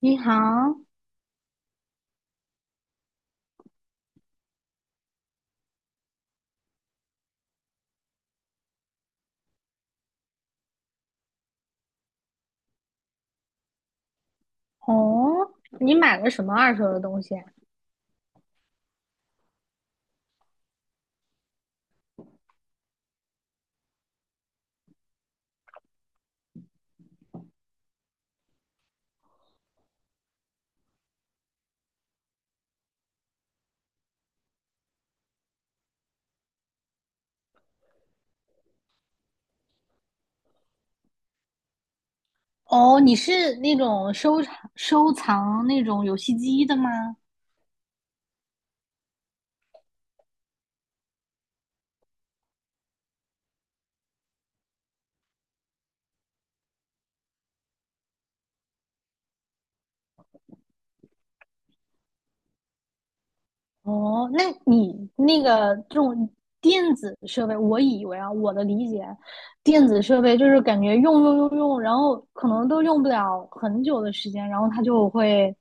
你好。哦，你买了什么二手的东西啊？哦，你是那种收藏那种游戏机的吗？哦，那你那个这种电子设备，我以为啊，我的理解，电子设备就是感觉用，然后可能都用不了很久的时间，然后它就会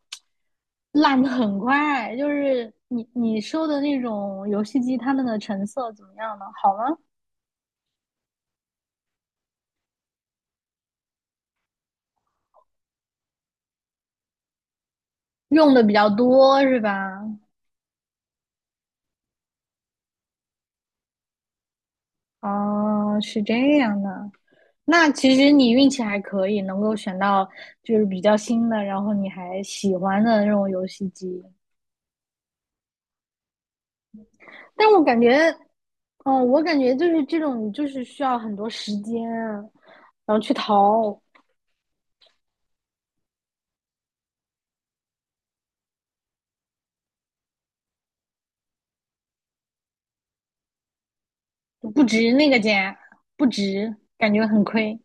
烂的很快。就是你收的那种游戏机，它们的成色怎么样呢？好吗？用的比较多是吧？哦，是这样的。那其实你运气还可以，能够选到就是比较新的，然后你还喜欢的那种游戏机。但我感觉，哦，我感觉就是这种，你就是需要很多时间啊然后去淘。不值那个价，不值，感觉很亏。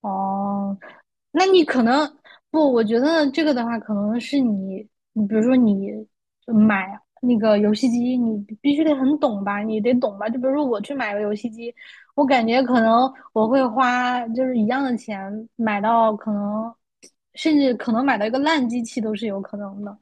哦，那你可能不，我觉得这个的话，可能是你，你比如说你买那个游戏机，你必须得很懂吧，你得懂吧。就比如说我去买个游戏机，我感觉可能我会花就是一样的钱买到可能，甚至可能买到一个烂机器都是有可能的。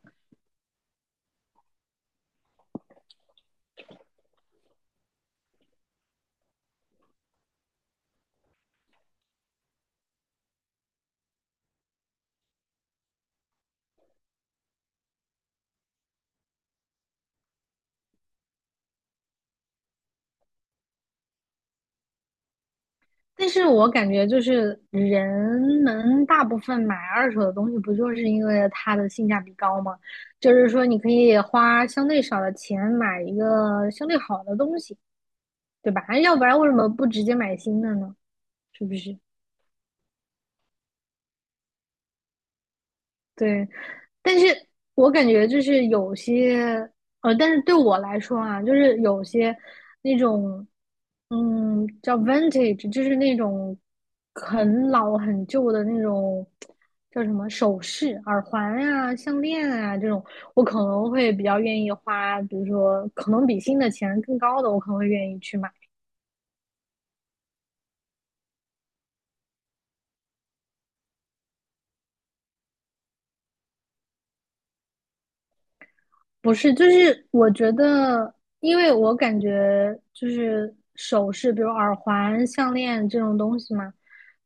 但是我感觉就是人们大部分买二手的东西，不就是因为它的性价比高吗？就是说你可以花相对少的钱买一个相对好的东西，对吧？要不然为什么不直接买新的呢？是不是？对，但是我感觉就是有些，但是对我来说啊，就是有些那种，叫 vintage，就是那种很老很旧的那种，叫什么首饰、耳环呀、项链啊这种，我可能会比较愿意花，比如说可能比新的钱更高的，我可能会愿意去买。不是，就是我觉得，因为我感觉就是首饰，比如耳环、项链这种东西嘛，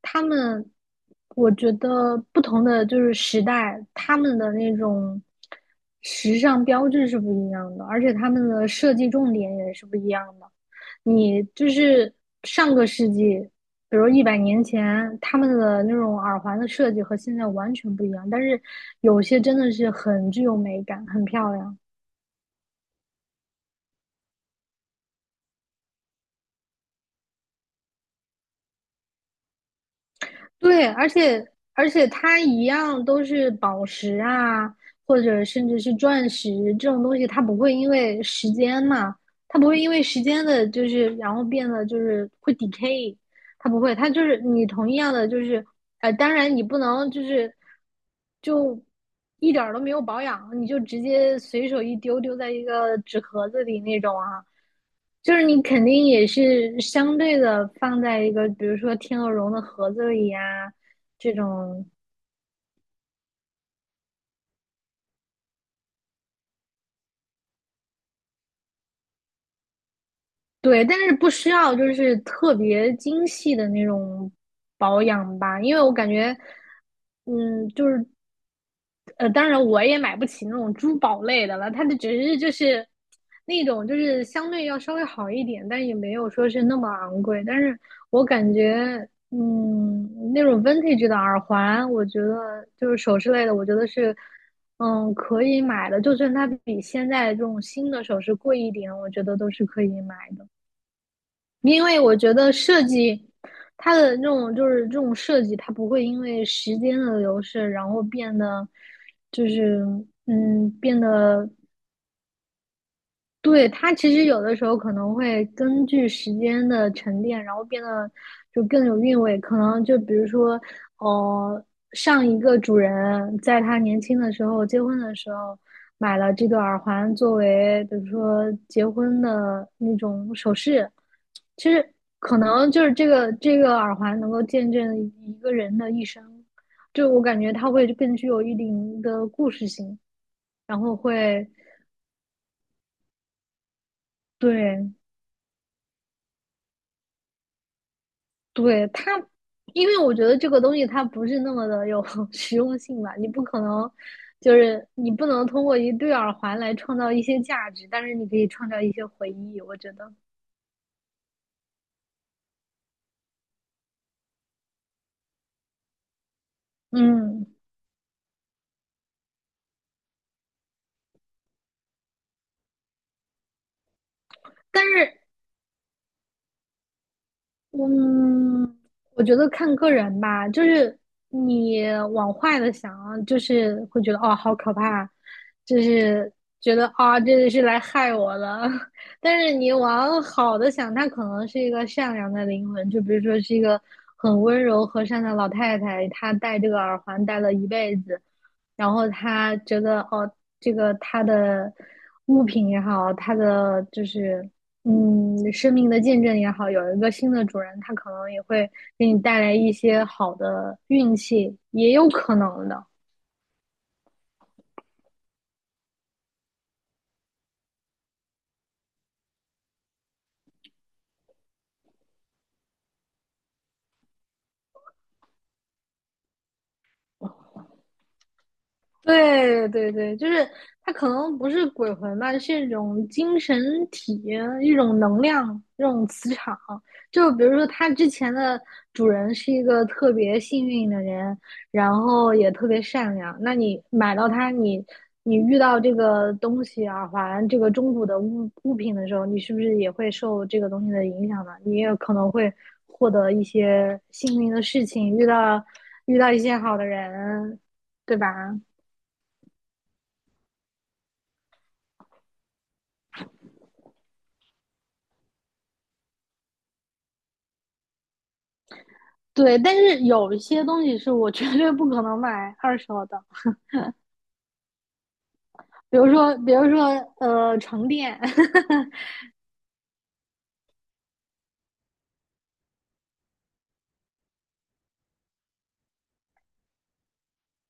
他们，我觉得不同的就是时代，他们的那种时尚标志是不一样的，而且他们的设计重点也是不一样的。你就是上个世纪，比如100年前，他们的那种耳环的设计和现在完全不一样，但是有些真的是很具有美感，很漂亮。对，而且它一样都是宝石啊，或者甚至是钻石这种东西，它不会因为时间嘛，它不会因为时间的，就是然后变得就是会 decay，它不会，它就是你同样的就是，当然你不能就是就一点儿都没有保养，你就直接随手一丢丢在一个纸盒子里那种啊，就是你肯定也是相对的放在一个，比如说天鹅绒的盒子里呀、这种。对，但是不需要就是特别精细的那种保养吧，因为我感觉，就是当然我也买不起那种珠宝类的了，它的只是就是那种就是相对要稍微好一点，但也没有说是那么昂贵。但是我感觉，那种 vintage 的耳环，我觉得就是首饰类的，我觉得是，可以买的。就算它比现在这种新的首饰贵一点，我觉得都是可以买的。因为我觉得设计它的这种就是这种设计，它不会因为时间的流逝，然后变得就是变得。对，它其实有的时候可能会根据时间的沉淀，然后变得就更有韵味。可能就比如说，呃，上一个主人在他年轻的时候结婚的时候买了这个耳环作为，比如说结婚的那种首饰。其实可能就是这个耳环能够见证一个人的一生，就我感觉它会更具有一定的故事性，然后会。对，对它，因为我觉得这个东西它不是那么的有 实用性吧，你不可能，就是你不能通过一对耳环来创造一些价值，但是你可以创造一些回忆，我觉得，嗯，但是嗯，我觉得看个人吧，就是你往坏的想，就是会觉得哦，好可怕，就是觉得啊，这是来害我的。但是你往好的想，她可能是一个善良的灵魂，就比如说是一个很温柔和善的老太太，她戴这个耳环戴了一辈子，然后她觉得哦，这个她的物品也好，她的就是生命的见证也好，有一个新的主人，他可能也会给你带来一些好的运气，也有可能的。对对对，就是它可能不是鬼魂吧，是一种精神体、一种能量、一种磁场。就比如说，它之前的主人是一个特别幸运的人，然后也特别善良。那你买到它，你遇到这个东西耳环、这个中古的物品的时候，你是不是也会受这个东西的影响呢？你也可能会获得一些幸运的事情，遇到一些好的人，对吧？对，但是有一些东西是我绝对不可能买二手的，比如说，比如说，床垫。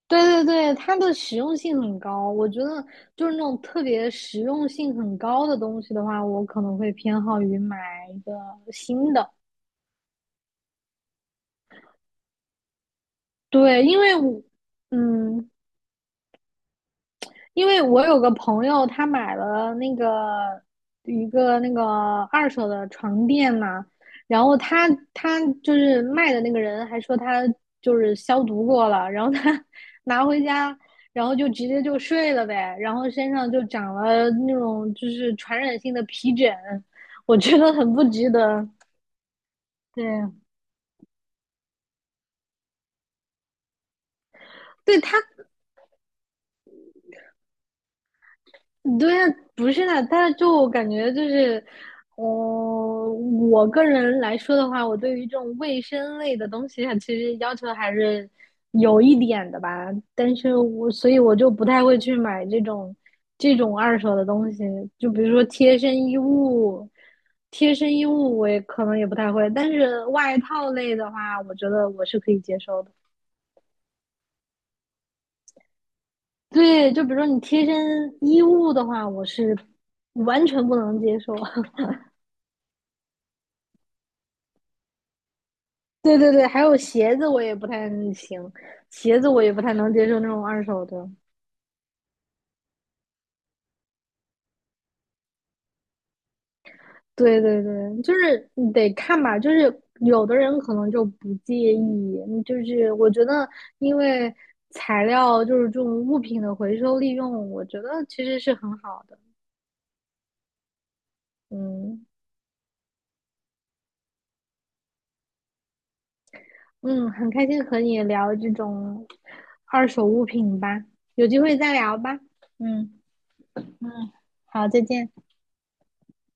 对对对，它的实用性很高，我觉得就是那种特别实用性很高的东西的话，我可能会偏好于买一个新的。对，因为我，嗯，因为我有个朋友，他买了那个一个那个二手的床垫嘛，然后他就是卖的那个人还说他就是消毒过了，然后他 拿回家，然后就直接就睡了呗，然后身上就长了那种就是传染性的皮疹，我觉得很不值得。对，对他，对呀，不是的，他就我感觉就是，我个人来说的话，我对于这种卫生类的东西啊，其实要求还是有一点的吧。但是所以我就不太会去买这种二手的东西，就比如说贴身衣物，贴身衣物我也可能也不太会，但是外套类的话，我觉得我是可以接受的。对，就比如说你贴身衣物的话，我是完全不能接受。对对对，还有鞋子我也不太行，鞋子我也不太能接受那种二手的。对对对，就是你得看吧，就是有的人可能就不介意，就是我觉得因为材料就是这种物品的回收利用，我觉得其实是很好的。嗯嗯，很开心和你聊这种二手物品吧，有机会再聊吧。嗯，好，再见。